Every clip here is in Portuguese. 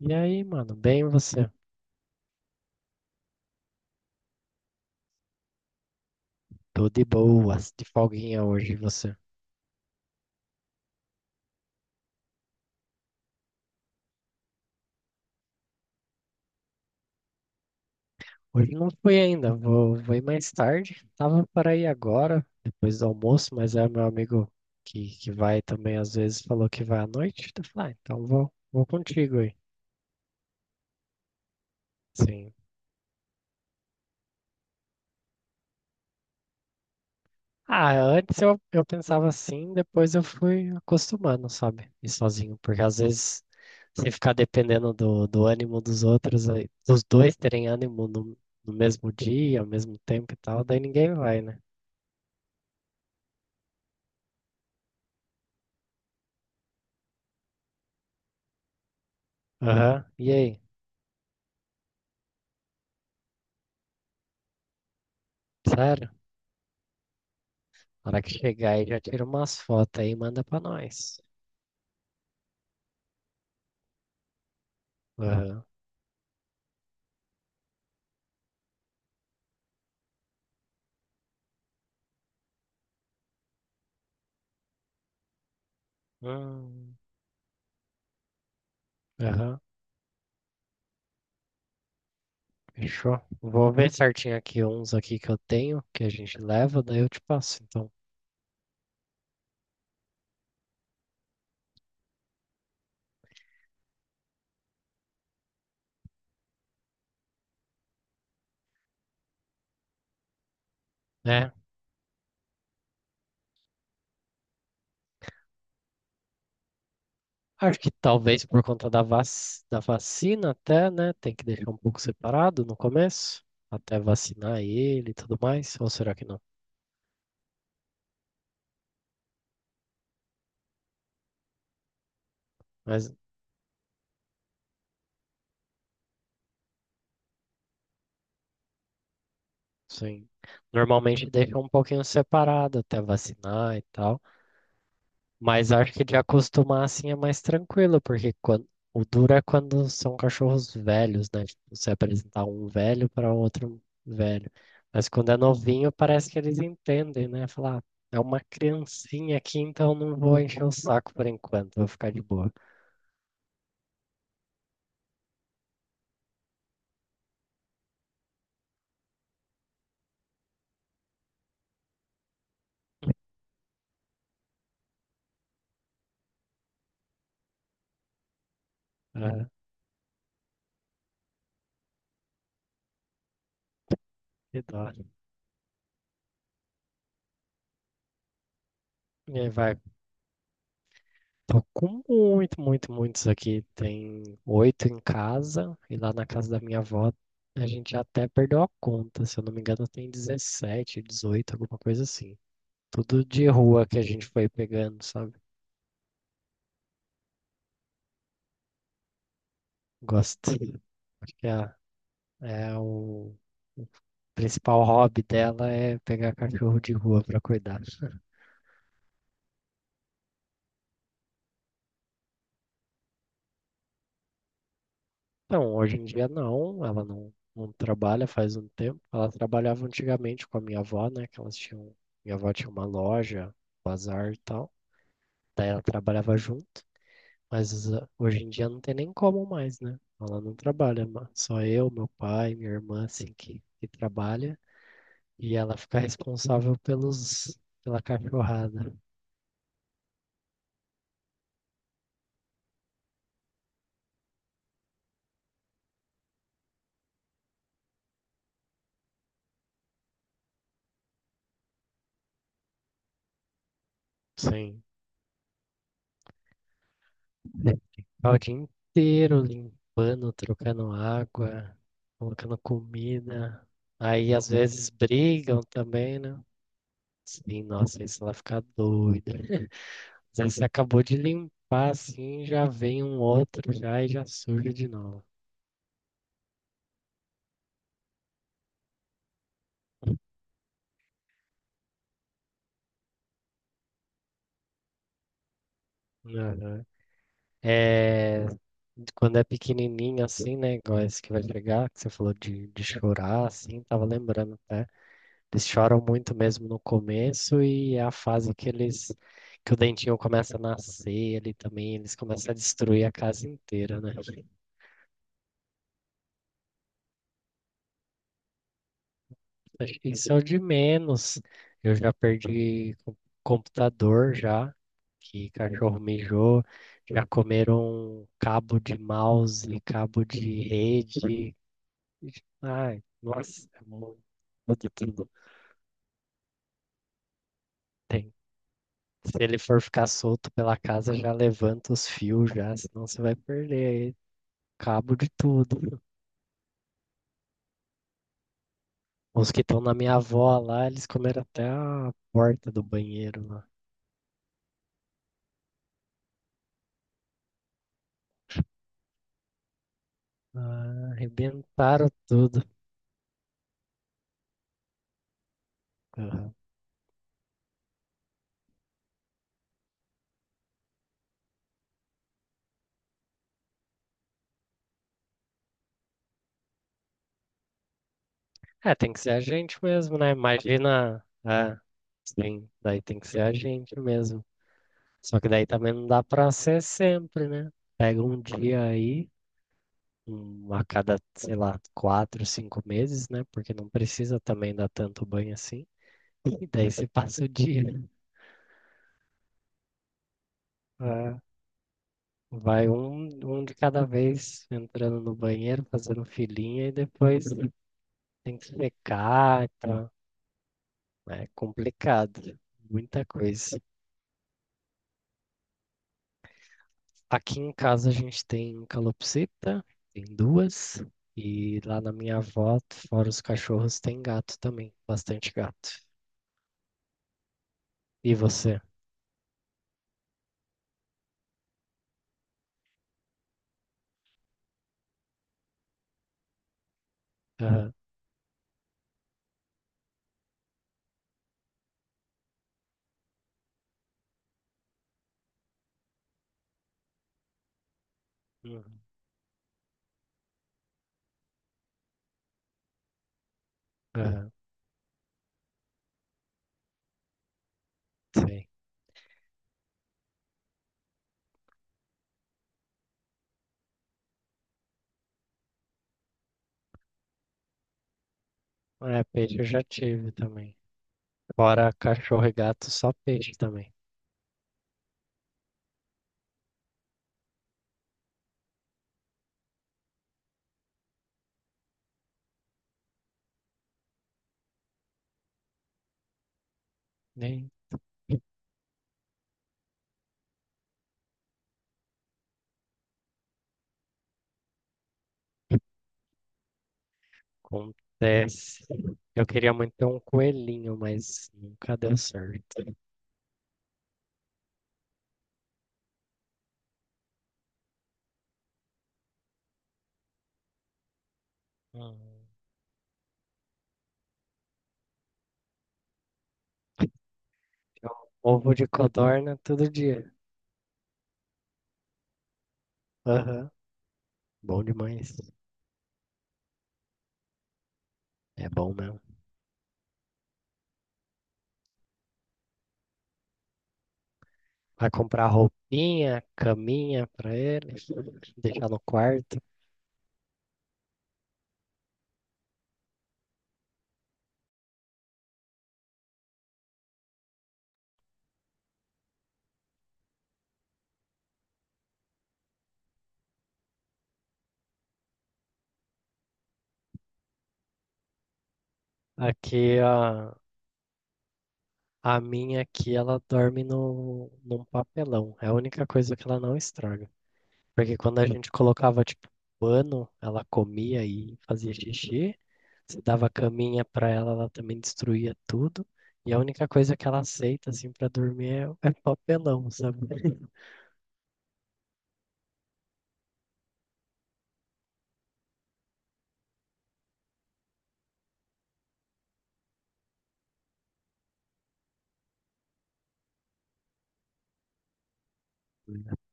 E aí, mano, bem você? Tô de boas, de folguinha hoje, e você? Hoje não fui ainda, vou ir mais tarde. Tava para ir agora, depois do almoço, mas é meu amigo que vai também às vezes, falou que vai à noite. Então, eu falei, ah, então vou contigo aí. Sim. Ah, antes eu pensava assim, depois eu fui acostumando, sabe? Ir sozinho, porque às vezes você ficar dependendo do ânimo dos outros, dos dois terem ânimo no mesmo dia, ao mesmo tempo e tal, daí ninguém vai, né? Aham. E aí? Sério? Na hora que chegar aí já tira umas fotos aí e manda pra nós. Aham. Hum. Aham. Fechou. Vou ver certinho aqui uns aqui que eu tenho, que a gente leva, daí eu te passo, então. É. Acho que talvez por conta da vac... Da vacina até, né? Tem que deixar um pouco separado no começo, até vacinar ele e tudo mais. Ou será que não? Mas, sim, normalmente deixa um pouquinho separado até vacinar e tal. Mas acho que de acostumar assim é mais tranquilo, porque quando, o duro é quando são cachorros velhos, né? Tipo, você apresentar um velho para outro velho. Mas quando é novinho, parece que eles entendem, né? Falar, "Ah, é uma criancinha aqui, então não vou encher o saco por enquanto, vou ficar de boa." Ah, que dó. E aí vai. Tô com muitos aqui. Tem 8 em casa e lá na casa da minha avó a gente já até perdeu a conta. Se eu não me engano, tem 17, 18, alguma coisa assim. Tudo de rua que a gente foi pegando, sabe? Gosto. Acho que o principal hobby dela é pegar cachorro de rua pra cuidar. Então, hoje em dia não, ela não trabalha faz um tempo. Ela trabalhava antigamente com a minha avó, né? Que elas tinham, minha avó tinha uma loja, bazar e tal. Daí ela trabalhava junto, mas ah, hoje em dia não tem nem como mais, né? Ela não trabalha, só eu, meu pai, minha irmã, assim, que trabalha. E ela fica responsável pela cachorrada. Sim. Ficar o dia inteiro limpando, trocando água, colocando comida. Aí às vezes brigam também, né? Sim, nossa, isso ela fica doida. Mas aí você acabou de limpar assim, já vem um outro já e já surge de novo. Aham. É, quando é pequenininho assim, né? Igual esse que vai chegar, que você falou de chorar assim, tava lembrando até. Eles choram muito mesmo no começo e é a fase que o dentinho começa a nascer ali também, eles começam a destruir a casa inteira, né? Acho que isso é o de menos. Eu já perdi co- computador já, que cachorro mijou, já comeram cabo de mouse, cabo de rede. Ai, nossa, é muito de tudo. Tem. Se ele for ficar solto pela casa, já levanta os fios já, senão você vai perder cabo de tudo. Os que estão na minha avó lá, eles comeram até a porta do banheiro lá. Ah, arrebentaram tudo. Aham. É, tem que ser a gente mesmo, né? Imagina. É, sim, daí tem que ser a gente mesmo. Só que daí também não dá pra ser sempre, né? Pega um dia aí, um, a cada, sei lá, quatro, cinco meses, né? Porque não precisa também dar tanto banho assim. E daí você passa o dia. É. Vai um de cada vez entrando no banheiro, fazendo filinha e depois tem que secar e tal. É complicado, muita coisa. Aqui em casa a gente tem calopsita, tem duas, e lá na minha avó, fora os cachorros, tem gato também, bastante gato. E você? Aham. Uhum. Aham. Sei. É, peixe eu já tive também. Fora cachorro e gato, só peixe também. Nem. Acontece. Eu queria muito ter um coelhinho, mas nunca deu certo. Uhum. Ovo de codorna todo dia. Aham. Bom demais. É bom mesmo. Vai comprar roupinha, caminha pra ele, deixar no quarto. Aqui, a, a minha aqui, ela dorme no, num papelão. É a única coisa que ela não estraga. Porque quando a gente colocava, tipo, pano, ela comia e fazia xixi. Se dava caminha pra ela, ela também destruía tudo. E a única coisa que ela aceita, assim, pra dormir é papelão, sabe?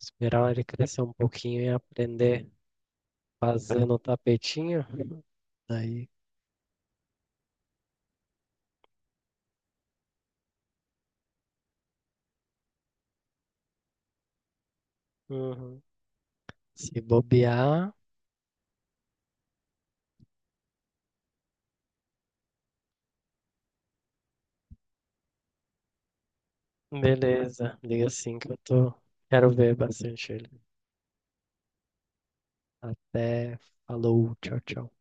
Esperar ele crescer um pouquinho e aprender fazendo o tapetinho. Daí, uhum. Se bobear, beleza. Liga assim que eu tô. Quero ver bastante ele. Até. Falou, tchau, tchau.